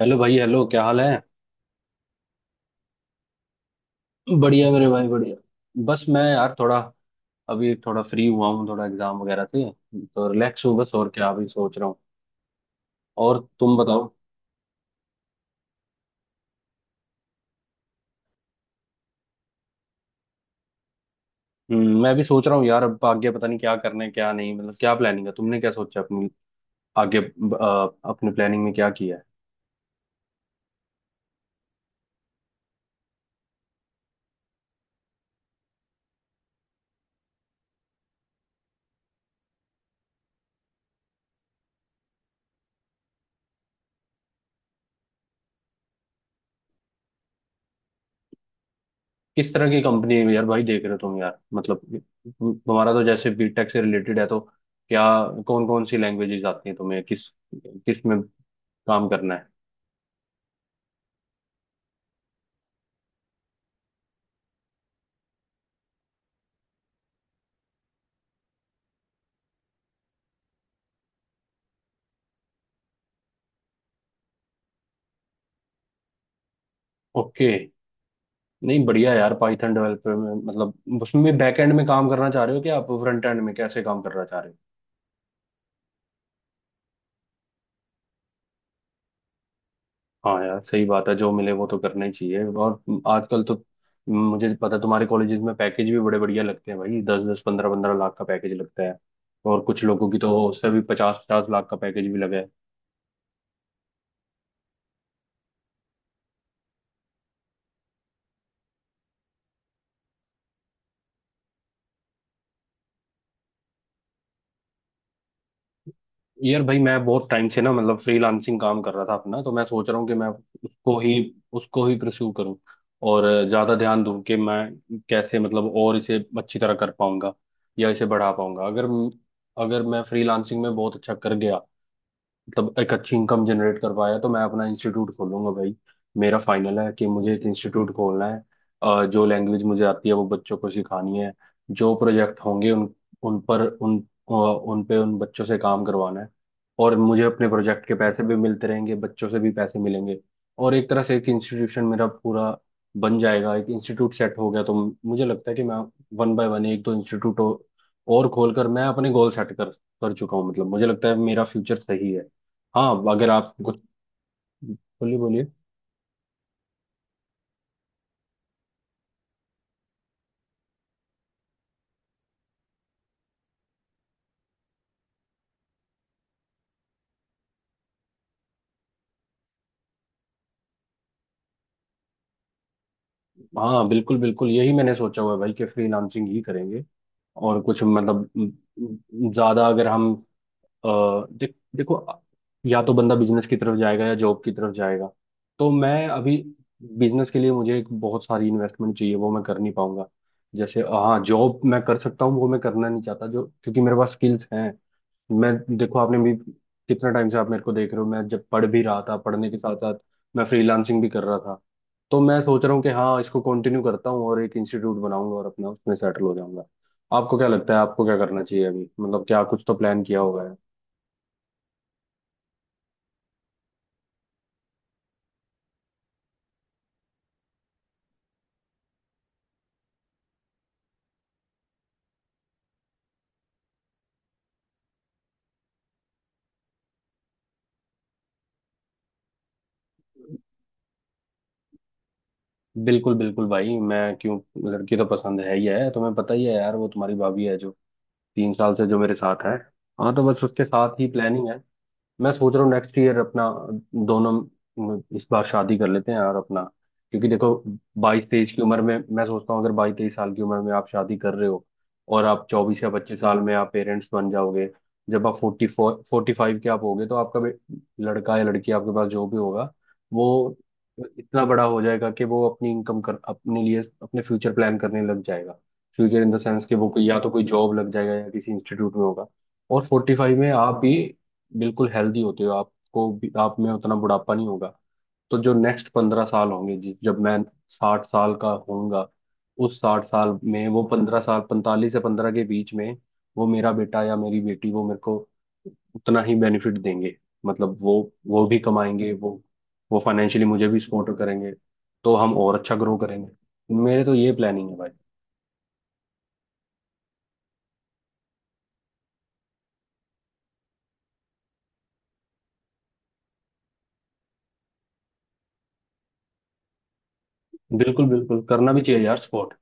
Hello भाई, hello. क्या हाल है? बढ़िया मेरे भाई, बढ़िया। बस मैं यार थोड़ा अभी थोड़ा फ्री हुआ हूँ थोड़ा एग्जाम वगैरह से, तो रिलैक्स हूँ बस, और क्या अभी सोच रहा हूँ। और तुम बताओ? मैं भी सोच रहा हूँ यार, अब आगे पता नहीं क्या करना है क्या नहीं, मतलब क्या प्लानिंग है? तुमने क्या सोचा अपनी आगे? अपने प्लानिंग में क्या किया है? किस तरह की कंपनी है यार भाई, देख रहे हो तुम, यार मतलब तुम्हारा तो जैसे बीटेक से रिलेटेड है, तो क्या कौन कौन सी लैंग्वेजेस आती हैं तुम्हें? किस किस में काम करना है? ओके। नहीं, बढ़िया यार, पाइथन डेवलपर में मतलब उसमें भी बैकएंड में काम करना चाह रहे हो कि आप फ्रंट एंड में कैसे काम करना चाह रहे हो? हाँ यार सही बात है, जो मिले वो तो करना ही चाहिए। और आजकल तो मुझे पता है तुम्हारे कॉलेजेस में पैकेज भी बड़े बढ़िया लगते हैं भाई, दस दस पंद्रह पंद्रह लाख का पैकेज लगता है। और कुछ लोगों की तो उससे भी पचास पचास लाख का पैकेज भी लगा है। यार भाई मैं बहुत टाइम से ना, मतलब फ्रीलांसिंग काम कर रहा था अपना, तो मैं सोच रहा हूँ कि मैं उसको ही उसको ही प्रस्यू करूँ और ज़्यादा ध्यान दूँ कि मैं कैसे, मतलब और इसे अच्छी तरह कर पाऊंगा या इसे बढ़ा पाऊंगा। अगर अगर मैं फ्रीलांसिंग में बहुत अच्छा कर गया, मतलब एक अच्छी इनकम जनरेट कर पाया, तो मैं अपना इंस्टीट्यूट खोलूंगा भाई। मेरा फाइनल है कि मुझे एक इंस्टीट्यूट खोलना है। जो लैंग्वेज मुझे आती है वो बच्चों को सिखानी है। जो प्रोजेक्ट होंगे, उन उन पर उन अ, उन पे उन बच्चों से काम करवाना है। और मुझे अपने प्रोजेक्ट के पैसे भी मिलते रहेंगे, बच्चों से भी पैसे मिलेंगे। और एक तरह से एक इंस्टीट्यूशन मेरा पूरा बन जाएगा। एक इंस्टीट्यूट सेट हो गया तो मुझे लगता है कि मैं वन बाय वन एक दो इंस्टीट्यूट और खोलकर मैं अपने गोल सेट कर कर चुका हूँ, मतलब मुझे लगता है मेरा फ्यूचर सही है। हाँ, अगर आप कुछ, बोलिए बोलिए। हाँ, बिल्कुल बिल्कुल यही मैंने सोचा हुआ है भाई कि फ्रीलांसिंग ही करेंगे। और कुछ, मतलब ज्यादा अगर हम अ, देखो या तो बंदा बिजनेस की तरफ जाएगा या जॉब की तरफ जाएगा। तो मैं अभी बिजनेस के लिए, मुझे एक बहुत सारी इन्वेस्टमेंट चाहिए, वो मैं कर नहीं पाऊंगा। जैसे हाँ जॉब मैं कर सकता हूँ, वो मैं करना नहीं चाहता जो, क्योंकि मेरे पास स्किल्स हैं। मैं, देखो आपने भी कितना टाइम से आप मेरे को देख रहे हो, मैं जब पढ़ भी रहा था, पढ़ने के साथ साथ मैं फ्रीलांसिंग भी कर रहा था। तो मैं सोच रहा हूँ कि हाँ इसको कंटिन्यू करता हूँ और एक इंस्टीट्यूट बनाऊंगा और अपना उसमें सेटल हो जाऊंगा। आपको क्या लगता है आपको क्या करना चाहिए अभी, मतलब क्या कुछ तो प्लान किया होगा है? बिल्कुल बिल्कुल भाई, मैं क्यों, लड़की तो पसंद है ही है, तुम्हें पता ही है यार, वो तुम्हारी भाभी है जो 3 साल से जो मेरे साथ है। हाँ, तो बस उसके साथ ही प्लानिंग है। मैं सोच रहा हूँ नेक्स्ट ईयर अपना दोनों इस बार शादी कर लेते हैं और अपना, क्योंकि देखो 22-23 की उम्र में मैं सोचता हूँ, अगर 22-23 साल की उम्र में आप शादी कर रहे हो और आप 24 या 25 साल में आप पेरेंट्स बन जाओगे, जब आप 44-45 के आप होगे तो आपका लड़का या लड़की आपके पास जो भी होगा वो इतना बड़ा हो जाएगा कि वो अपनी इनकम कर, अपने लिए अपने फ्यूचर प्लान करने लग जाएगा। फ्यूचर इन द सेंस कि वो या तो कोई जॉब लग जाएगा या किसी इंस्टीट्यूट में होगा। और 45 में आप भी बिल्कुल हेल्दी होते हो, आपको भी आप में उतना बुढ़ापा नहीं होगा। तो जो नेक्स्ट 15 साल होंगे जब मैं 60 साल का होऊंगा, उस 60 साल में वो 15 साल, 45 से 15 के बीच में वो मेरा बेटा या मेरी बेटी वो मेरे को उतना ही बेनिफिट देंगे, मतलब वो भी कमाएंगे, वो फाइनेंशियली मुझे भी सपोर्ट करेंगे। तो हम और अच्छा ग्रो करेंगे। मेरे तो ये प्लानिंग है भाई। बिल्कुल बिल्कुल करना भी चाहिए यार सपोर्ट।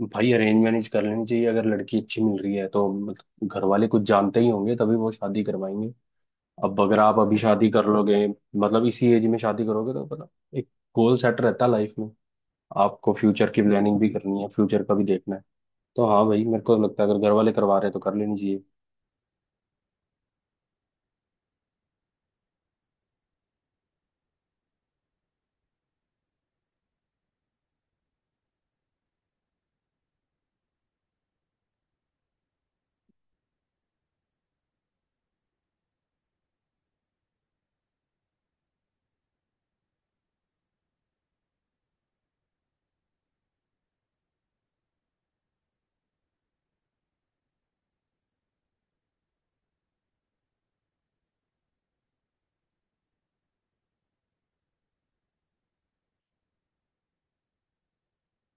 भाई अरेंज मैरिज कर लेनी चाहिए, अगर लड़की अच्छी मिल रही है तो, मतलब घर वाले कुछ जानते ही होंगे तभी वो शादी करवाएंगे। अब अगर आप अभी शादी कर लोगे, मतलब इसी एज में शादी करोगे तो पता, एक गोल सेट रहता है लाइफ में। आपको फ्यूचर की प्लानिंग भी करनी है, फ्यूचर का भी देखना है। तो हाँ भाई मेरे को लगता है अगर घर वाले करवा रहे हैं तो कर लेनी चाहिए।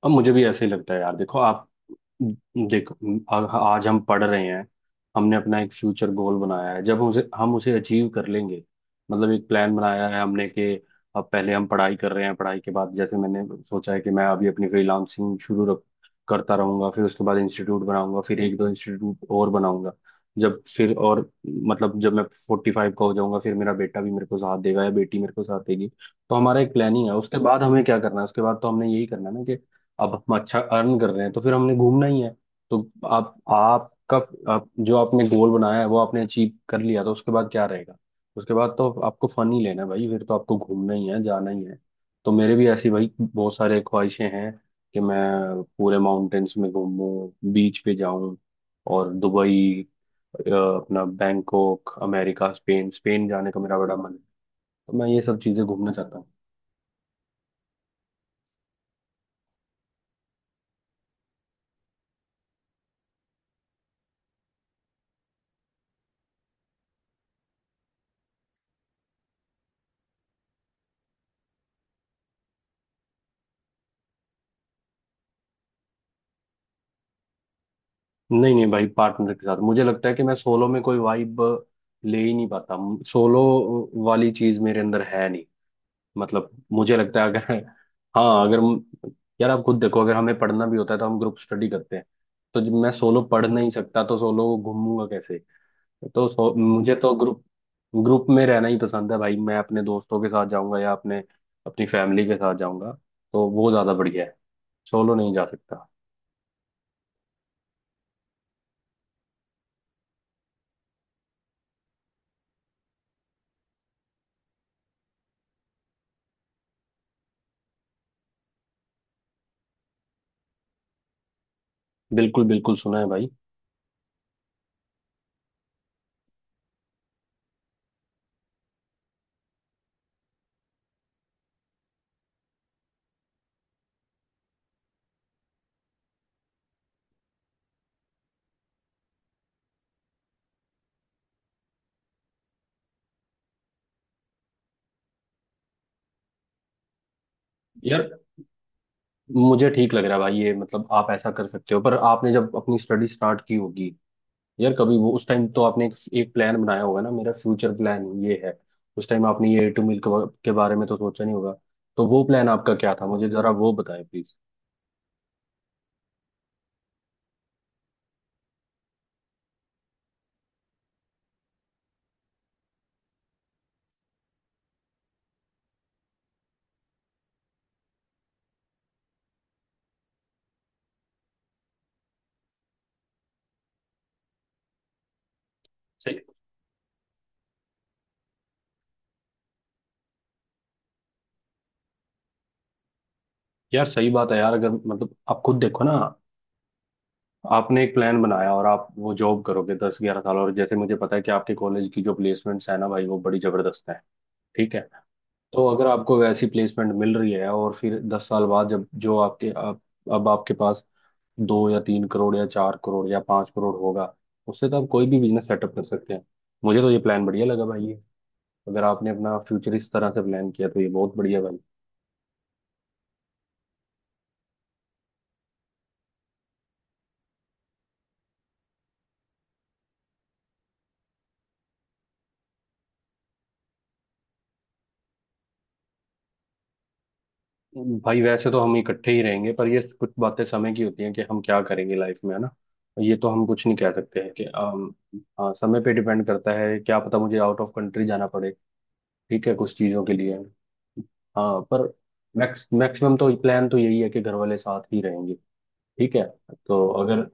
अब मुझे भी ऐसे ही लगता है यार, देखो आप, देखो, आ- आज हम पढ़ रहे हैं, हमने अपना एक फ्यूचर गोल बनाया है, जब उसे हम उसे अचीव कर लेंगे, मतलब एक प्लान बनाया है हमने कि अब पहले हम पढ़ाई कर रहे हैं, पढ़ाई के बाद जैसे मैंने सोचा है कि मैं अभी अपनी फ्रीलांसिंग शुरू करता रहूंगा, फिर उसके बाद इंस्टीट्यूट बनाऊंगा, फिर एक दो इंस्टीट्यूट और बनाऊंगा, जब फिर और मतलब जब मैं 45 का हो जाऊंगा फिर मेरा बेटा भी मेरे को साथ देगा या बेटी मेरे को साथ देगी। तो हमारा एक प्लानिंग है उसके बाद हमें क्या करना है, उसके बाद तो हमने यही करना है ना। अब हम अच्छा अर्न कर रहे हैं तो फिर हमने घूमना ही है। तो आप आपका आप, जो आपने गोल बनाया है वो आपने अचीव कर लिया तो उसके बाद क्या रहेगा? उसके बाद तो आपको फन ही लेना है भाई, फिर तो आपको घूमना ही है, जाना ही है। तो मेरे भी ऐसी भाई बहुत सारे ख्वाहिशें हैं कि मैं पूरे माउंटेन्स में घूमूं, बीच पे जाऊं, और दुबई, अपना बैंकॉक, अमेरिका, स्पेन, स्पेन जाने का मेरा बड़ा मन है। तो मैं ये सब चीजें घूमना चाहता हूँ। नहीं नहीं भाई, पार्टनर के साथ। मुझे लगता है कि मैं सोलो में कोई वाइब ले ही नहीं पाता, सोलो वाली चीज मेरे अंदर है नहीं। मतलब मुझे लगता है अगर, हाँ अगर यार आप खुद देखो, अगर हमें पढ़ना भी होता है तो हम ग्रुप स्टडी करते हैं, तो जब मैं सोलो पढ़ नहीं सकता तो सोलो घूमूंगा कैसे? तो सो, मुझे तो ग्रुप ग्रुप में रहना ही पसंद है भाई, मैं अपने दोस्तों के साथ जाऊंगा या अपने अपनी फैमिली के साथ जाऊंगा, तो वो ज्यादा बढ़िया है। सोलो नहीं जा सकता। बिल्कुल बिल्कुल सुना है भाई। यार मुझे ठीक लग रहा है भाई ये, मतलब आप ऐसा कर सकते हो, पर आपने जब अपनी स्टडी स्टार्ट की होगी यार कभी, वो उस टाइम तो आपने एक प्लान बनाया होगा ना, मेरा फ्यूचर प्लान ये है। उस टाइम आपने ये ए टू मिल के बारे में तो सोचा नहीं होगा। तो वो प्लान आपका क्या था, मुझे जरा वो बताएं प्लीज। सही। यार सही बात है यार, अगर मतलब आप खुद देखो ना, आपने एक प्लान बनाया और आप वो जॉब करोगे 10-11 साल, और जैसे मुझे पता है कि आपके कॉलेज की जो प्लेसमेंट्स है ना भाई वो बड़ी जबरदस्त है। ठीक है। तो अगर आपको वैसी प्लेसमेंट मिल रही है और फिर 10 साल बाद जब जो आपके आप, अब आपके पास दो या तीन करोड़ या चार करोड़ या पांच करोड़ होगा, उससे तो आप कोई भी बिजनेस सेटअप कर सकते हैं। मुझे तो ये प्लान बढ़िया लगा भाई ये, अगर आपने अपना फ्यूचर इस तरह से प्लान किया तो ये बहुत बढ़िया भाई। भाई वैसे तो हम इकट्ठे ही रहेंगे, पर ये कुछ बातें समय की होती हैं कि हम क्या करेंगे लाइफ में, है ना। ये तो हम कुछ नहीं कह सकते हैं कि हाँ समय पे डिपेंड करता है, क्या पता मुझे आउट ऑफ कंट्री जाना पड़े। ठीक है कुछ चीजों के लिए। हाँ पर मैक्स मैक्सिमम तो प्लान तो यही है कि घर वाले साथ ही रहेंगे। ठीक है। तो अगर,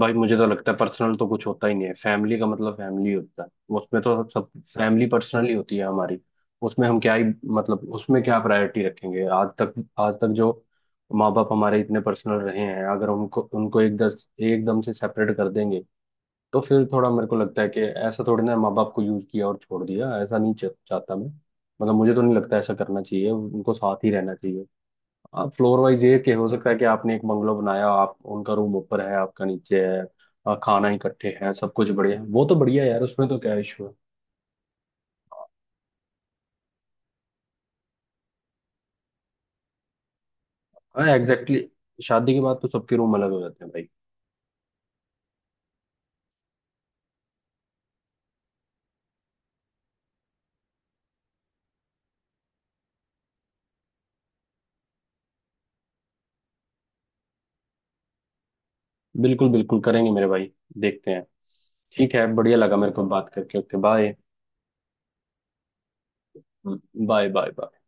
भाई मुझे तो लगता है पर्सनल तो कुछ होता ही नहीं है, फैमिली का मतलब फैमिली होता है। उसमें तो सब सब फैमिली पर्सनल ही होती है हमारी। उसमें हम क्या ही, मतलब उसमें क्या प्रायोरिटी रखेंगे? आज तक जो माँ बाप हमारे इतने पर्सनल रहे हैं, अगर उनको उनको एक दस एकदम से सेपरेट कर देंगे तो फिर थोड़ा मेरे को लगता है कि ऐसा थोड़ी ना माँ बाप को यूज किया और छोड़ दिया, ऐसा नहीं चाहता मैं। मतलब मुझे तो नहीं लगता ऐसा करना चाहिए, उनको साथ ही रहना चाहिए। आप फ्लोर वाइज ये कि हो सकता है कि आपने एक बंगलो बनाया, आप उनका रूम ऊपर है आपका नीचे है, खाना इकट्ठे है, सब कुछ बढ़िया है, वो तो बढ़िया है यार उसमें तो क्या इशू है। हाँ एग्जैक्टली exactly, शादी के बाद तो सबके रूम अलग हो जाते हैं भाई। बिल्कुल बिल्कुल करेंगे मेरे भाई। देखते हैं। ठीक है, बढ़िया लगा मेरे को बात करके। Okay bye bye bye bye.